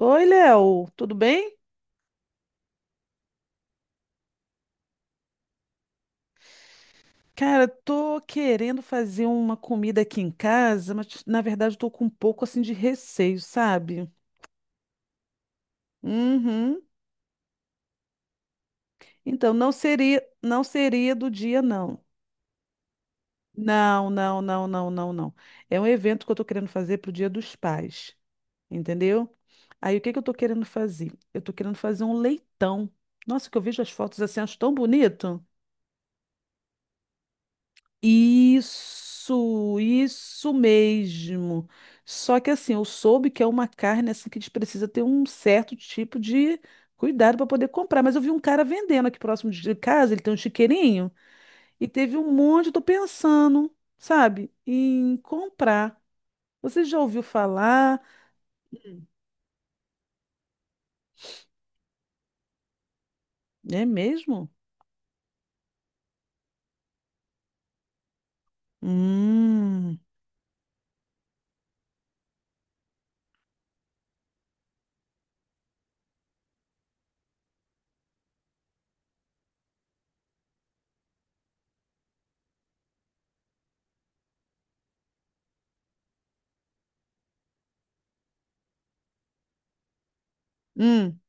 Oi, Léo, tudo bem? Cara, tô querendo fazer uma comida aqui em casa, mas na verdade eu tô com um pouco assim de receio, sabe? Uhum. Então Não seria do dia, não. Não, não, não, não, não, não. É um evento que eu tô querendo fazer pro Dia dos Pais, entendeu? Aí o que que eu tô querendo fazer? Eu tô querendo fazer um leitão. Nossa, que eu vejo as fotos assim, acho tão bonito. Isso mesmo. Só que assim, eu soube que é uma carne assim que a gente precisa ter um certo tipo de cuidado para poder comprar. Mas eu vi um cara vendendo aqui próximo de casa, ele tem um chiqueirinho, e teve um monte, eu tô pensando, sabe, em comprar. Você já ouviu falar? É mesmo? Hum, hum,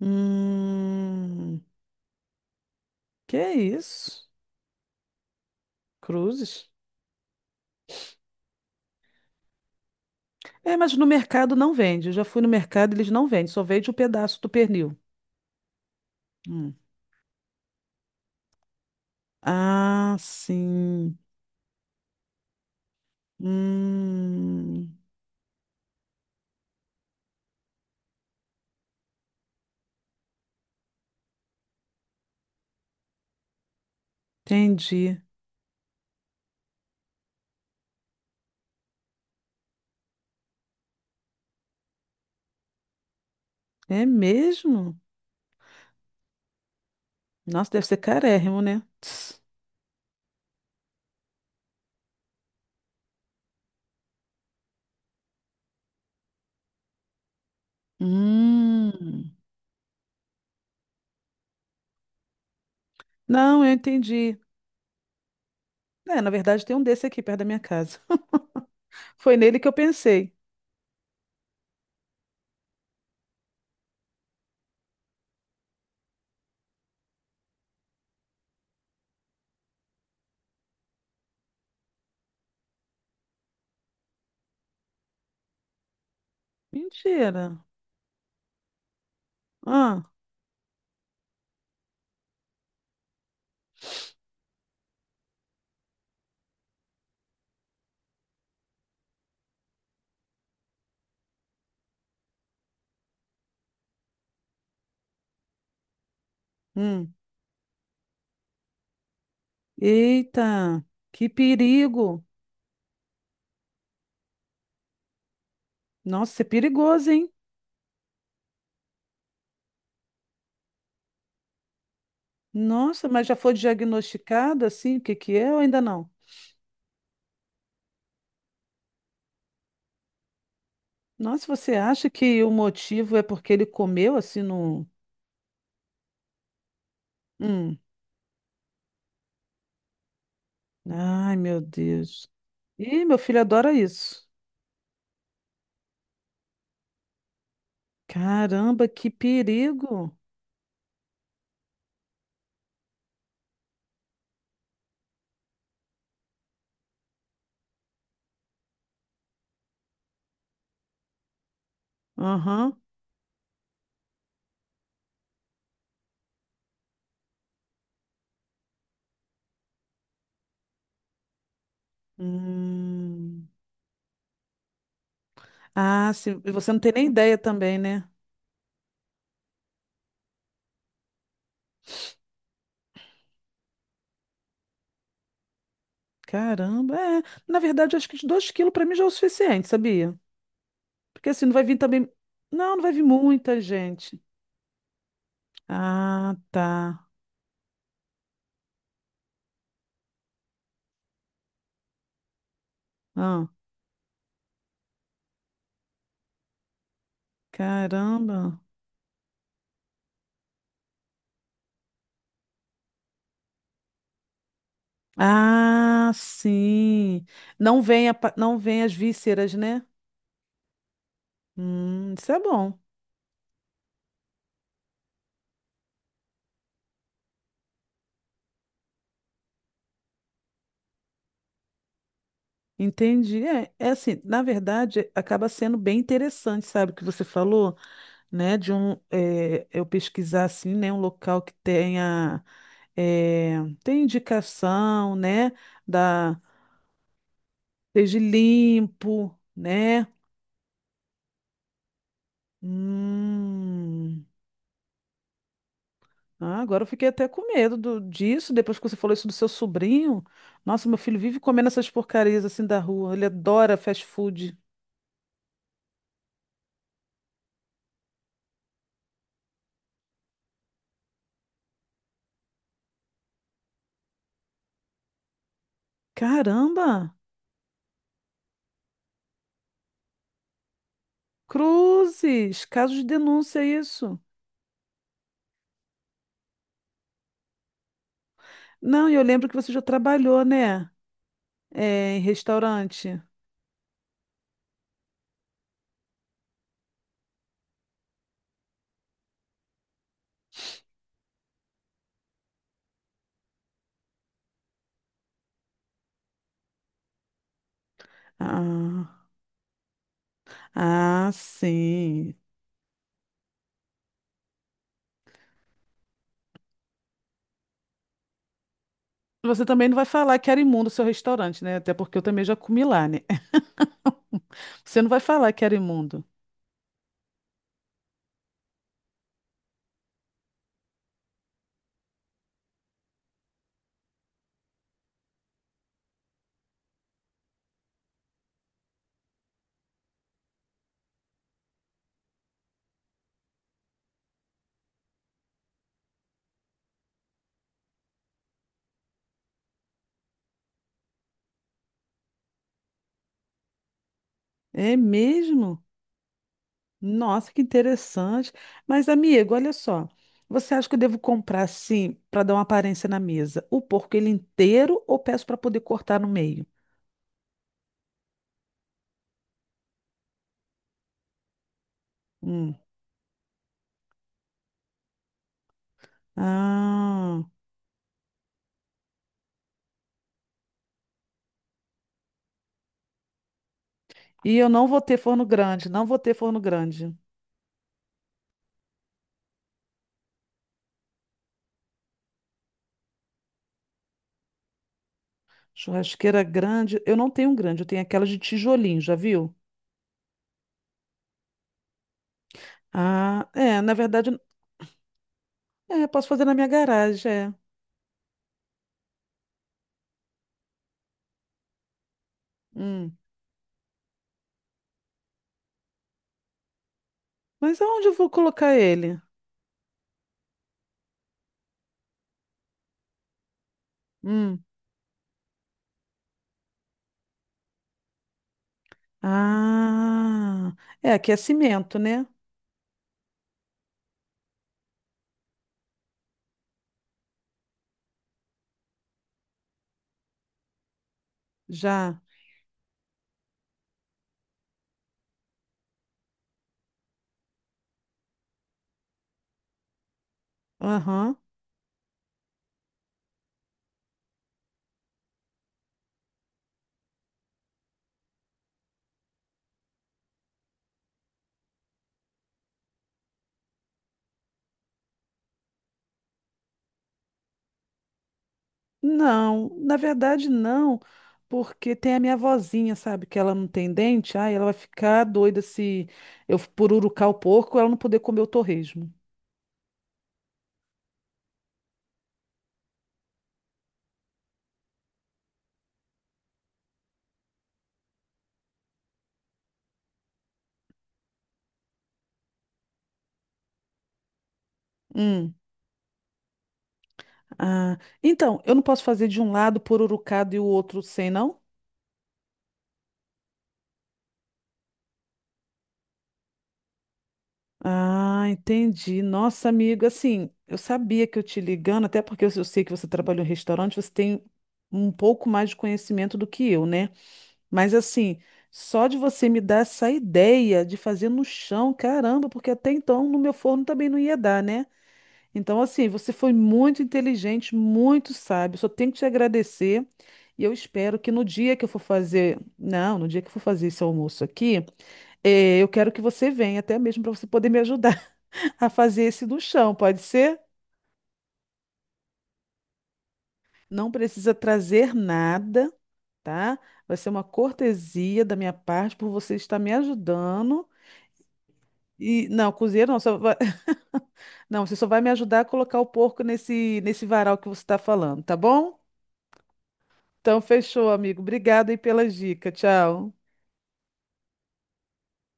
hum. Que isso? Cruzes? É, mas no mercado não vende. Eu já fui no mercado, eles não vendem, só vende o pedaço do pernil. Hum. Ah, sim. Hum, entendi. É mesmo? Nossa, deve ser carérrimo, né? Tss. Hum. Não, eu entendi. É, na verdade tem um desse aqui perto da minha casa. Foi nele que eu pensei. Mentira. Ah, hum. Eita, que perigo! Nossa, é perigoso, hein? Nossa, mas já foi diagnosticado assim, o que que é ou ainda não? Nossa, você acha que o motivo é porque ele comeu assim no... Hum. Ai, meu Deus. Ih, meu filho adora isso. Caramba, que perigo! Aham. Hum. Ah, sim, e você não tem nem ideia também, né? Caramba, é. Na verdade, acho que 2 quilos para mim já é o suficiente, sabia? Porque assim, não vai vir também. Não, não vai vir muita gente. Ah, tá. Ah, caramba. Ah, sim. Não vem, não vem as vísceras, né? Isso é bom. Entendi. É, é assim, na verdade, acaba sendo bem interessante, sabe, o que você falou, né? De um, é, eu pesquisar assim, né? Um local que tenha, é, tem indicação, né? Da, seja limpo, né? Hum. Ah, agora eu fiquei até com medo disso, depois que você falou isso do seu sobrinho. Nossa, meu filho vive comendo essas porcarias assim da rua. Ele adora fast food. Caramba! Cruzes! Caso de denúncia, isso. Não, e eu lembro que você já trabalhou, né? É, em restaurante. Ah, ah, sim. Você também não vai falar que era imundo o seu restaurante, né? Até porque eu também já comi lá, né? Você não vai falar que era imundo. É mesmo? Nossa, que interessante. Mas, amigo, olha só. Você acha que eu devo comprar assim para dar uma aparência na mesa? O porco ele inteiro ou peço para poder cortar no meio? Hum. Ah. E eu não vou ter forno grande, não vou ter forno grande. Churrasqueira grande, eu não tenho um grande, eu tenho aquela de tijolinho, já viu? Ah, é, na verdade, é, posso fazer na minha garagem, é. Hum. Mas aonde eu vou colocar ele? Hum. Ah. É, aqui é cimento, né? Já. Aham. Não, na verdade não, porque tem a minha vozinha, sabe, que ela não tem dente, aí ela vai ficar doida se eu pururucar o porco, ela não poder comer o torresmo. Hum. Ah, então, eu não posso fazer de um lado pururucado e o outro sem, não? Ah, entendi. Nossa, amiga, assim, eu sabia que eu te ligando, até porque eu sei que você trabalhou em restaurante, você tem um pouco mais de conhecimento do que eu, né? Mas assim, só de você me dar essa ideia de fazer no chão, caramba, porque até então no meu forno também não ia dar, né? Então, assim, você foi muito inteligente, muito sábio. Só tenho que te agradecer. E eu espero que no dia que eu for fazer, não, no dia que eu for fazer esse almoço aqui, eu quero que você venha, até mesmo para você poder me ajudar a fazer esse no chão, pode ser? Não precisa trazer nada, tá? Vai ser uma cortesia da minha parte por você estar me ajudando. E não, cozinheiro não, só vai... Não, você só vai me ajudar a colocar o porco nesse varal que você está falando, tá bom? Então fechou, amigo. Obrigada aí pela dica. Tchau.